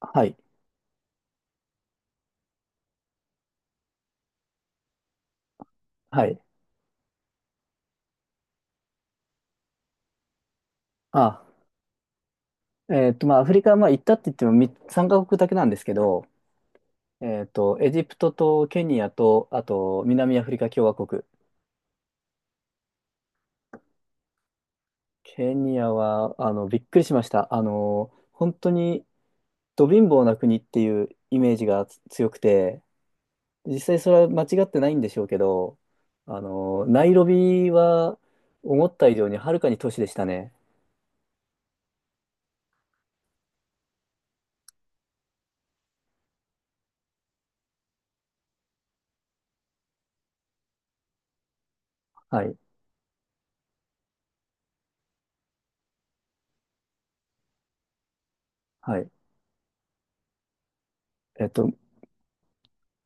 はい。はい。あ、まあ、アフリカはまあ行ったって言っても3カ国だけなんですけど、エジプトとケニアと、あと、南アフリカ共和国。ケニアは、びっくりしました。本当に、ど貧乏な国っていうイメージが強くて、実際それは間違ってないんでしょうけど、ナイロビは、思った以上にはるかに都市でしたね。はい。はい。えっと、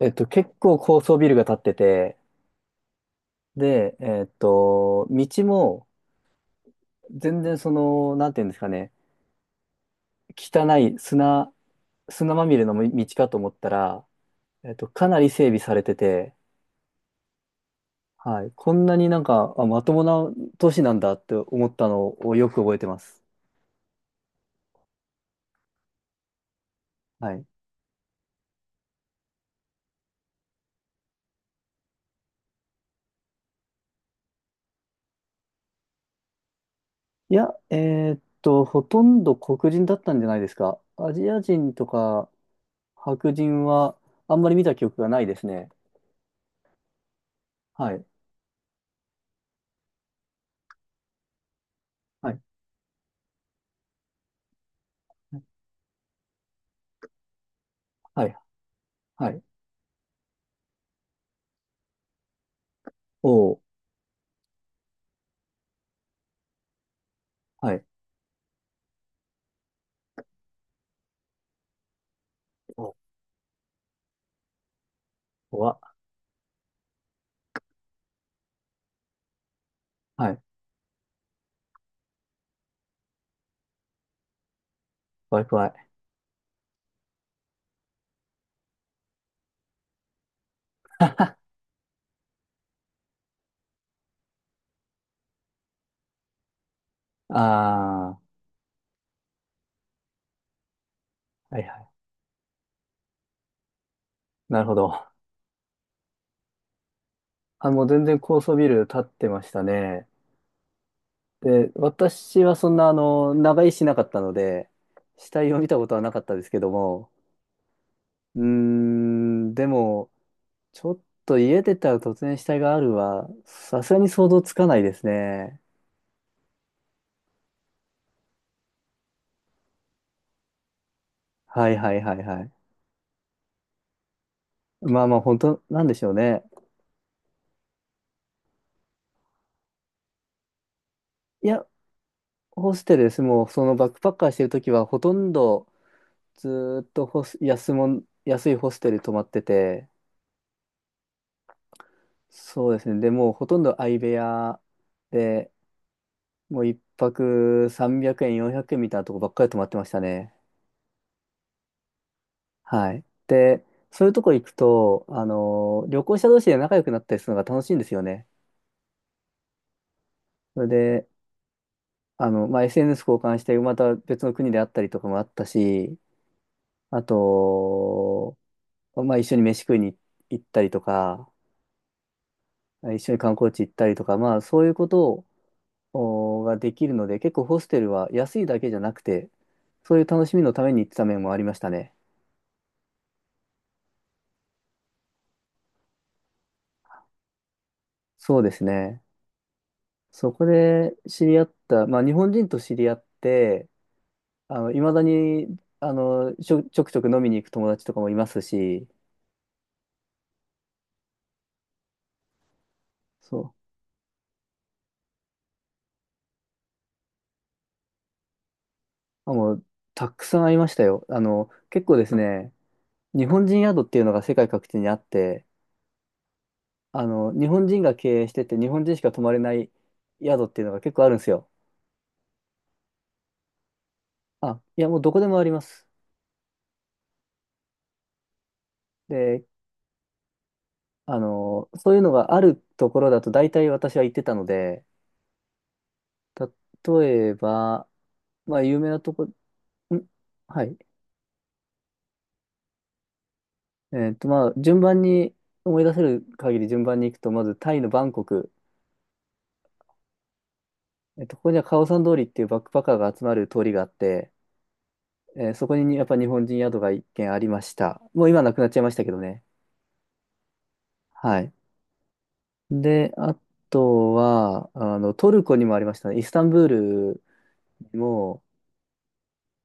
結構高層ビルが建ってて、で、道も全然なんていうんですかね、汚い砂、砂まみれの道かと思ったら、かなり整備されてて、はい、こんなになんか、あ、まともな都市なんだって思ったのをよく覚えてます。はい。いや、ほとんど黒人だったんじゃないですか。アジア人とか白人はあんまり見た記憶がないですね。はい。はい。はい。はい。おーはい。お、怖っ。はい。怖い怖い。ああ、はいはい。なるほど。あ、もう全然高層ビル建ってましたね。で、私はそんな、長居しなかったので、死体を見たことはなかったですけども、うーん、でも、ちょっと家出たら突然死体があるは、さすがに想像つかないですね。はいはいはいはい。まあまあ、本当なんでしょうね。いや、ホステルです。もう、そのバックパッカーしてるときは、ほとんど、ずーっとホス、安もん、安いホステル泊まってて、そうですね。でもうほとんど相部屋で、もう一泊300円、400円みたいなとこばっかり泊まってましたね。はい。で、そういうとこ行くと、旅行者同士で仲良くなったりするのが楽しいんですよね。それで、まあ、SNS 交換して、また別の国であったりとかもあったし、あと、まあ、一緒に飯食いに行ったりとか、一緒に観光地行ったりとか、まあ、そういうことをができるので、結構ホステルは安いだけじゃなくて、そういう楽しみのために行ってた面もありましたね。そうですね。そこで知り合った、まあ日本人と知り合って、いまだに、ちょくちょく飲みに行く友達とかもいますし、そう、あ、もう、たくさん会いましたよ。結構ですね、日本人宿っていうのが世界各地にあって、日本人が経営してて、日本人しか泊まれない宿っていうのが結構あるんですよ。あ、いや、もうどこでもあります。で、そういうのがあるところだと大体私は行ってたので、例えば、まあ有名なとこ、んはい。まあ順番に、思い出せる限り順番に行くと、まずタイのバンコク、ここにはカオサン通りっていうバックパッカーが集まる通りがあって、そこにやっぱ日本人宿が一軒ありました。もう今なくなっちゃいましたけどね。はい。で、あとは、トルコにもありましたね。イスタンブールにも、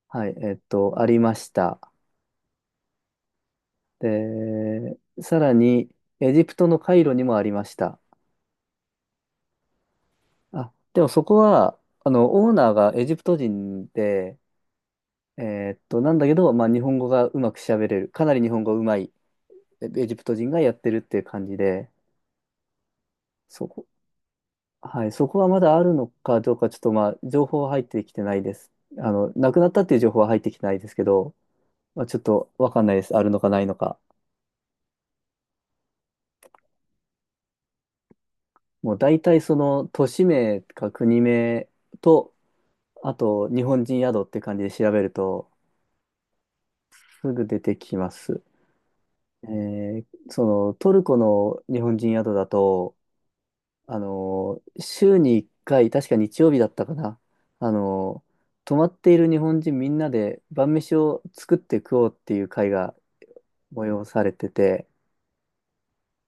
はい、ありました。で、さらに、エジプトのカイロにもありました。あ、でもそこは、オーナーがエジプト人で、なんだけど、まあ、日本語がうまく喋れる。かなり日本語うまいエジプト人がやってるっていう感じで、そこ、はい、そこはまだあるのかどうか、ちょっとまあ、情報は入ってきてないです。なくなったっていう情報は入ってきてないですけど、まあ、ちょっとわかんないです。あるのかないのか。もう大体その都市名か国名とあと、日本人宿って感じで調べると、すぐ出てきます。えトルコの日本人宿だと、週に1回、確か日曜日だったかな。あの、泊まっている日本人みんなで晩飯を作って食おうっていう会が催されてて、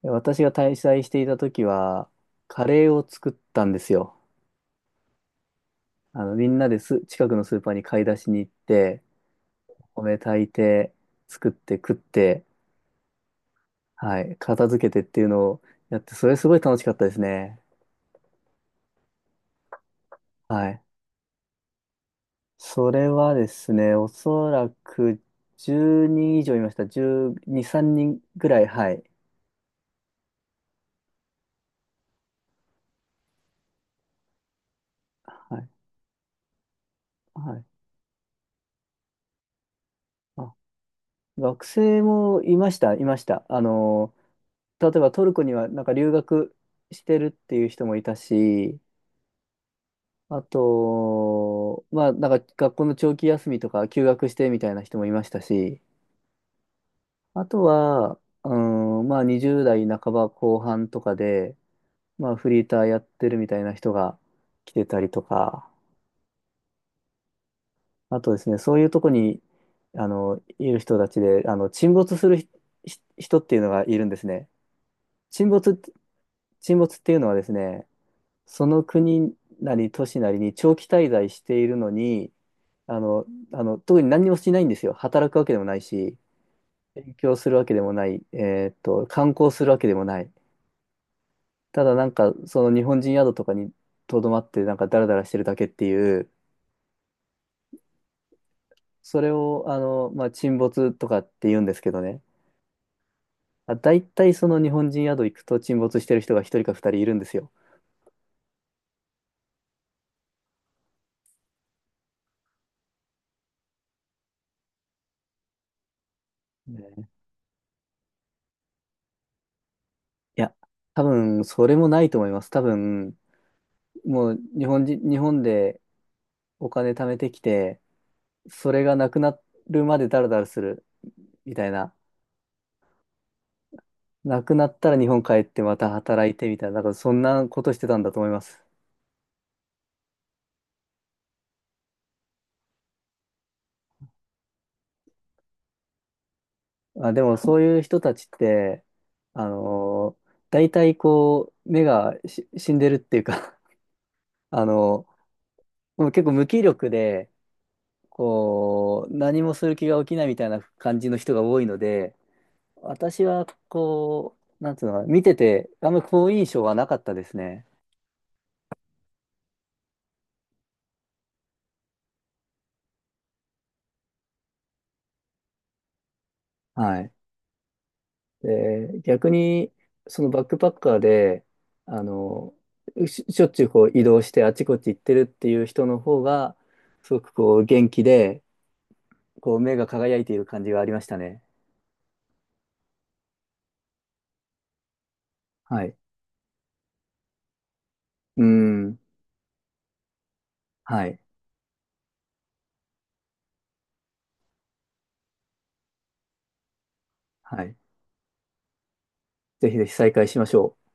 私が滞在していた時は、カレーを作ったんですよ。みんなです、近くのスーパーに買い出しに行って、お米炊いて、作って食って、はい、片付けてっていうのをやって、それすごい楽しかったですね。はい。それはですね、おそらく10人以上いました。12、3人ぐらい、はい。はい。はい。あ、学生もいました、いました。例えばトルコにはなんか留学してるっていう人もいたし、あと、まあ、なんか学校の長期休みとか休学してみたいな人もいましたし、あとは、うん、まあ20代半ば後半とかで、まあフリーターやってるみたいな人が来てたりとか、あとですね、そういうとこに、いる人たちで、沈没するひ人っていうのがいるんですね。沈没って、沈没っていうのはですね、その国なり都市なりに長期滞在しているのに、あの、特に何にもしないんですよ。働くわけでもないし、勉強するわけでもない、観光するわけでもない。ただなんか、その日本人宿とかにとどまって、なんかダラダラしてるだけっていう、それを、まあ、沈没とかって言うんですけどね。あ、大体その日本人宿行くと沈没してる人が一人か二人いるんですよ。ねいや、多分、それもないと思います。多分、もう日本でお金貯めてきて、それがなくなるまでダラダラするみたいな。なくなったら日本帰ってまた働いてみたいな、なんかそんなことしてたんだと思います。あ、でもそういう人たちって、大体こう、目が死んでるっていうか あのもう結構無気力で、こう、何もする気が起きないみたいな感じの人が多いので、私はこう、なんつうのかな、見てて、あんまり好印象はなかったですね。はい。で、逆に、そのバックパッカーで、あのしょっちゅうこう移動してあちこち行ってるっていう人の方が、すごくこう元気で、こう、目が輝いている感じがありましたね。はい。うーん。はい。はい。ぜひぜひ再開しましょう。